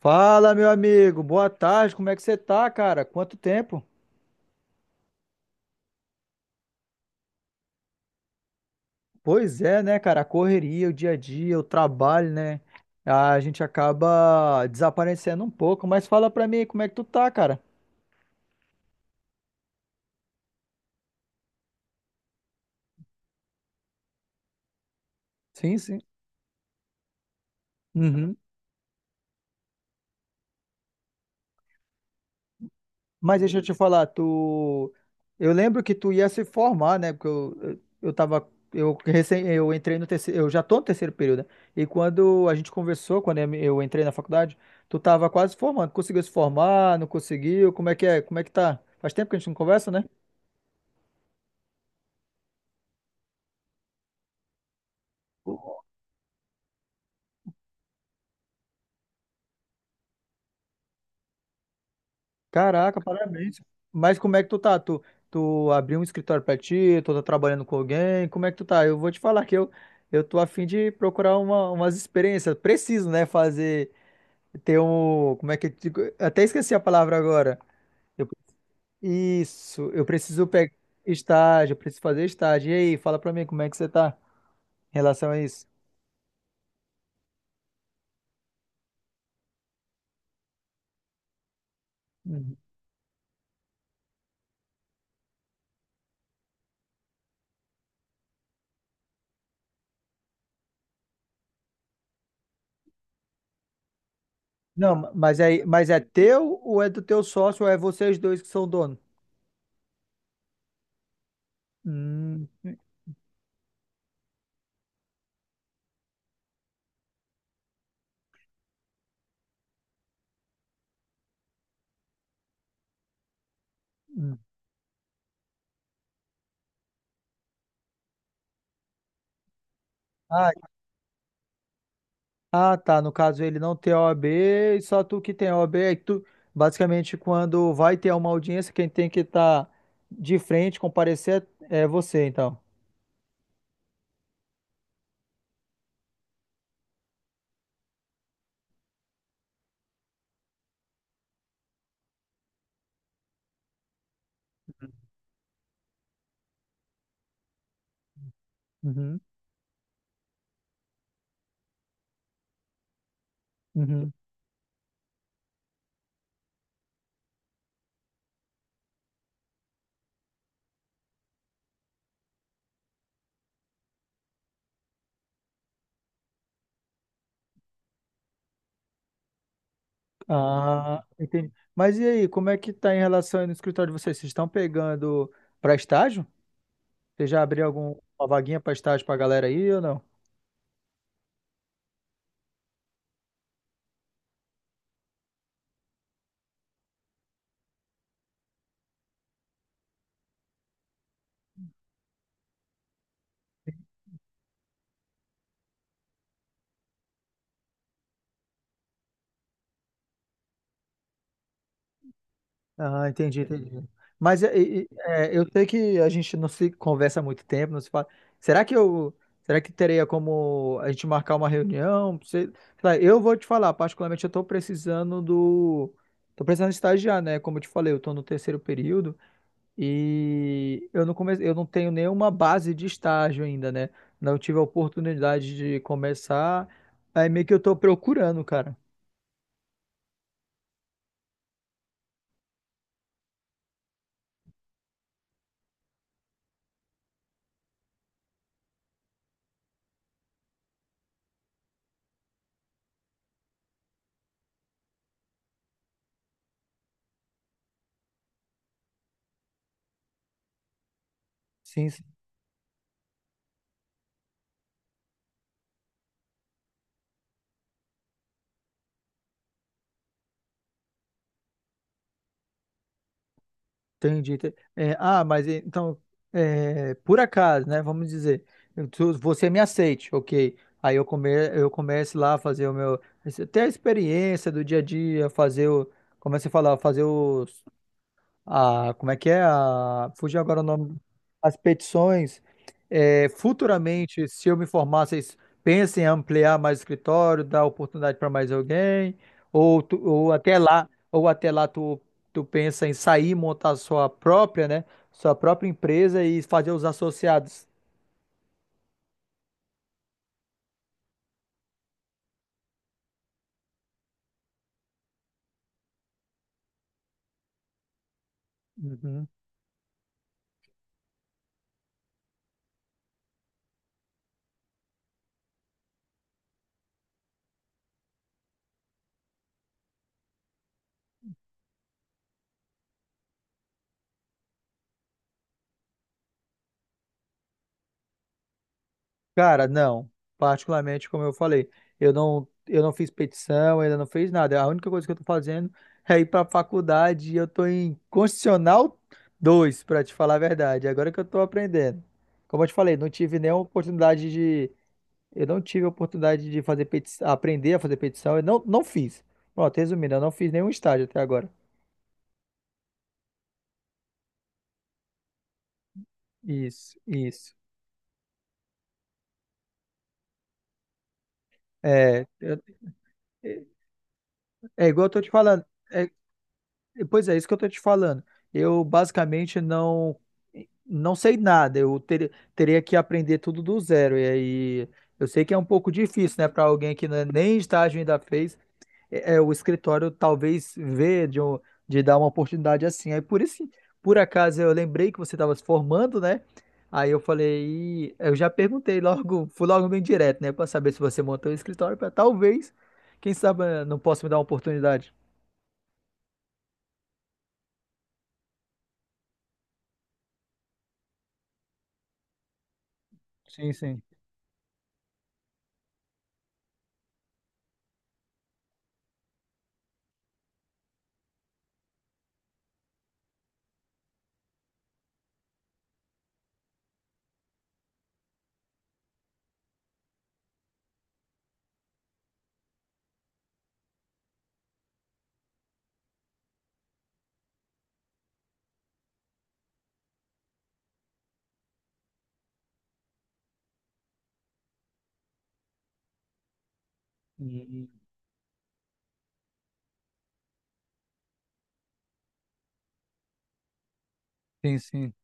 Fala, meu amigo. Boa tarde. Como é que você tá, cara? Quanto tempo? Pois é, né, cara? A correria, o dia a dia, o trabalho, né? A gente acaba desaparecendo um pouco. Mas fala pra mim, como é que tu tá, cara? Sim, sim. Uhum. Mas deixa eu te falar, tu. Eu lembro que tu ia se formar, né? Porque eu tava. Eu, recém, eu entrei no terceiro. Eu já tô no terceiro período, né? E quando a gente conversou, quando eu entrei na faculdade, tu tava quase formando. Conseguiu se formar? Não conseguiu? Como é que é? Como é que tá? Faz tempo que a gente não conversa, né? Caraca, parabéns. Mas como é que tu tá? Tu, tu abriu um escritório pra ti? Tu tá trabalhando com alguém? Como é que tu tá? Eu vou te falar que eu tô a fim de procurar uma, umas experiências. Preciso, né? Fazer. Tem um. Como é que eu digo? Até esqueci a palavra agora. Eu- isso, eu preciso pegar estágio, eu preciso fazer estágio. E aí, fala pra mim como é que você tá em relação a isso? Uhum. Não, mas é teu ou é do teu sócio ou é vocês dois que são dono? Hum, hum. Ah, ah, tá. No caso, ele não tem o OAB, e só tu que tem o OAB. Aí tu, basicamente, quando vai ter uma audiência, quem tem que estar de frente, comparecer, é você, então. Uhum, uhum. Ah, entendi. Mas e aí, como é que tá em relação aí no escritório de vocês? Vocês estão pegando para estágio? Você já abriu alguma vaguinha para estágio para galera aí ou não? Ah, entendi, entendi. Mas é, é, eu sei que a gente não se conversa há muito tempo, não se fala. Será que eu, será que teria como a gente marcar uma reunião? Sei lá, eu vou te falar, particularmente eu estou precisando do, tô precisando estagiar, né? Como eu te falei, eu estou no terceiro período. E eu não comecei, eu não tenho nenhuma base de estágio ainda, né? Não tive a oportunidade de começar. Aí meio que eu tô procurando, cara. Sim, sim. Entendi. É, ah, mas então, é, por acaso, né? Vamos dizer, você me aceite, ok. Aí eu, come, eu começo lá a fazer o meu. Ter a experiência do dia a dia, fazer o. Como é que você fala? Fazer os. A, como é que é? A, fugiu agora o nome. As petições. É, futuramente, se eu me formar, vocês pensem em ampliar mais o escritório, dar oportunidade para mais alguém, ou, ou até lá tu, tu pensa em sair, montar sua própria, né? Sua própria empresa e fazer os associados. Uhum. Cara, não. Particularmente, como eu falei, eu não fiz petição, ainda não fiz nada. A única coisa que eu tô fazendo é ir pra faculdade e eu tô em Constitucional 2, pra te falar a verdade. Agora que eu tô aprendendo. Como eu te falei, não tive nenhuma oportunidade de. Eu não tive a oportunidade de fazer petição, aprender a fazer petição. Eu não, não fiz. Pronto, resumindo, eu não fiz nenhum estágio até agora. Isso, isso. É, eu- é igual eu tô te falando. é Pois é, isso que eu tô te falando. Eu basicamente não sei nada. Teria que aprender tudo do zero. E aí eu sei que é um pouco difícil, né, para alguém que né, nem estágio ainda fez. É, é, o escritório talvez vê de, de dar uma oportunidade assim. Aí por isso, por acaso eu lembrei que você estava se formando, né? Aí eu falei, "Ih", eu já perguntei logo, fui logo bem direto, né, para saber se você montou o escritório para talvez, quem sabe, não possa me dar uma oportunidade. Sim, sim. Sim, sim.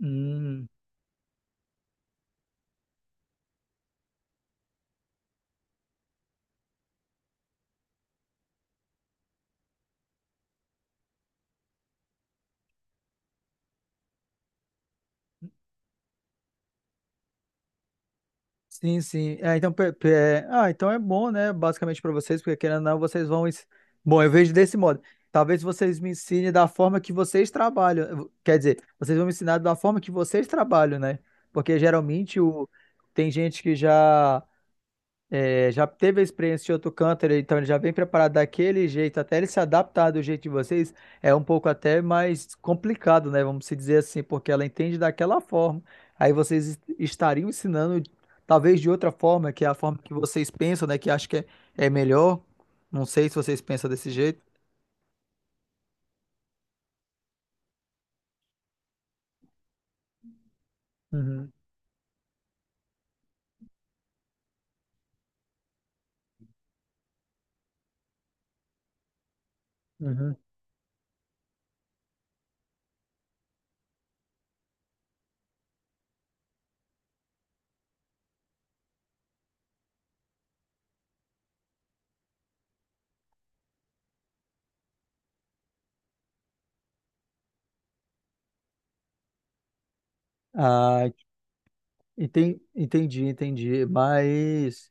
Hum, sim, sim. É, então, ah, então é bom, né? Basicamente para vocês, porque querendo ou não, vocês vão. Bom, eu vejo desse modo. Talvez vocês me ensinem da forma que vocês trabalham. Quer dizer, vocês vão me ensinar da forma que vocês trabalham, né? Porque geralmente o... tem gente que já. É, já teve a experiência de outro canto, então ele já vem preparado daquele jeito, até ele se adaptar do jeito de vocês, é um pouco até mais complicado, né? Vamos se dizer assim, porque ela entende daquela forma. Aí vocês estariam ensinando, talvez de outra forma, que é a forma que vocês pensam, né? Que acho que é, é melhor. Não sei se vocês pensam desse jeito. Uhum, uhum. Ah, entendi, entendi. Mas.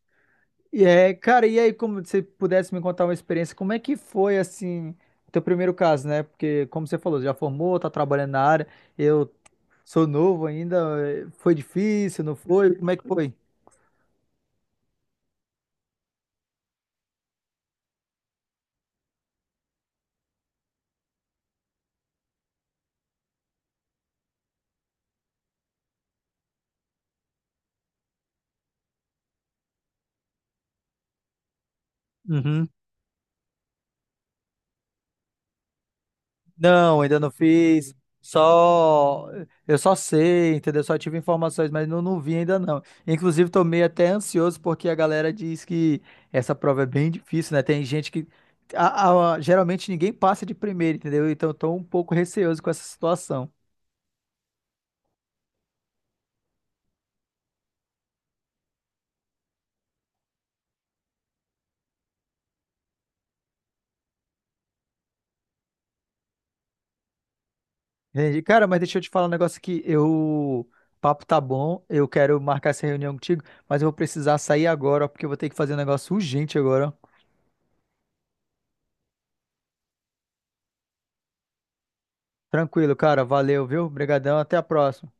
E é, cara, e aí, como você pudesse me contar uma experiência, como é que foi, assim, o teu primeiro caso, né? Porque, como você falou, já formou, tá trabalhando na área, eu sou novo ainda, foi difícil, não foi? Como é que foi? Não, ainda não fiz. Só eu só sei, entendeu? Só tive informações, mas não, não vi ainda não. Inclusive, tô meio até ansioso porque a galera diz que essa prova é bem difícil, né? Tem gente que geralmente ninguém passa de primeiro, entendeu? Então, eu tô um pouco receoso com essa situação. Entendi. Cara, mas deixa eu te falar um negócio aqui. Eu, o papo tá bom, eu quero marcar essa reunião contigo, mas eu vou precisar sair agora, ó, porque eu vou ter que fazer um negócio urgente agora. Tranquilo, cara. Valeu, viu? Obrigadão, até a próxima.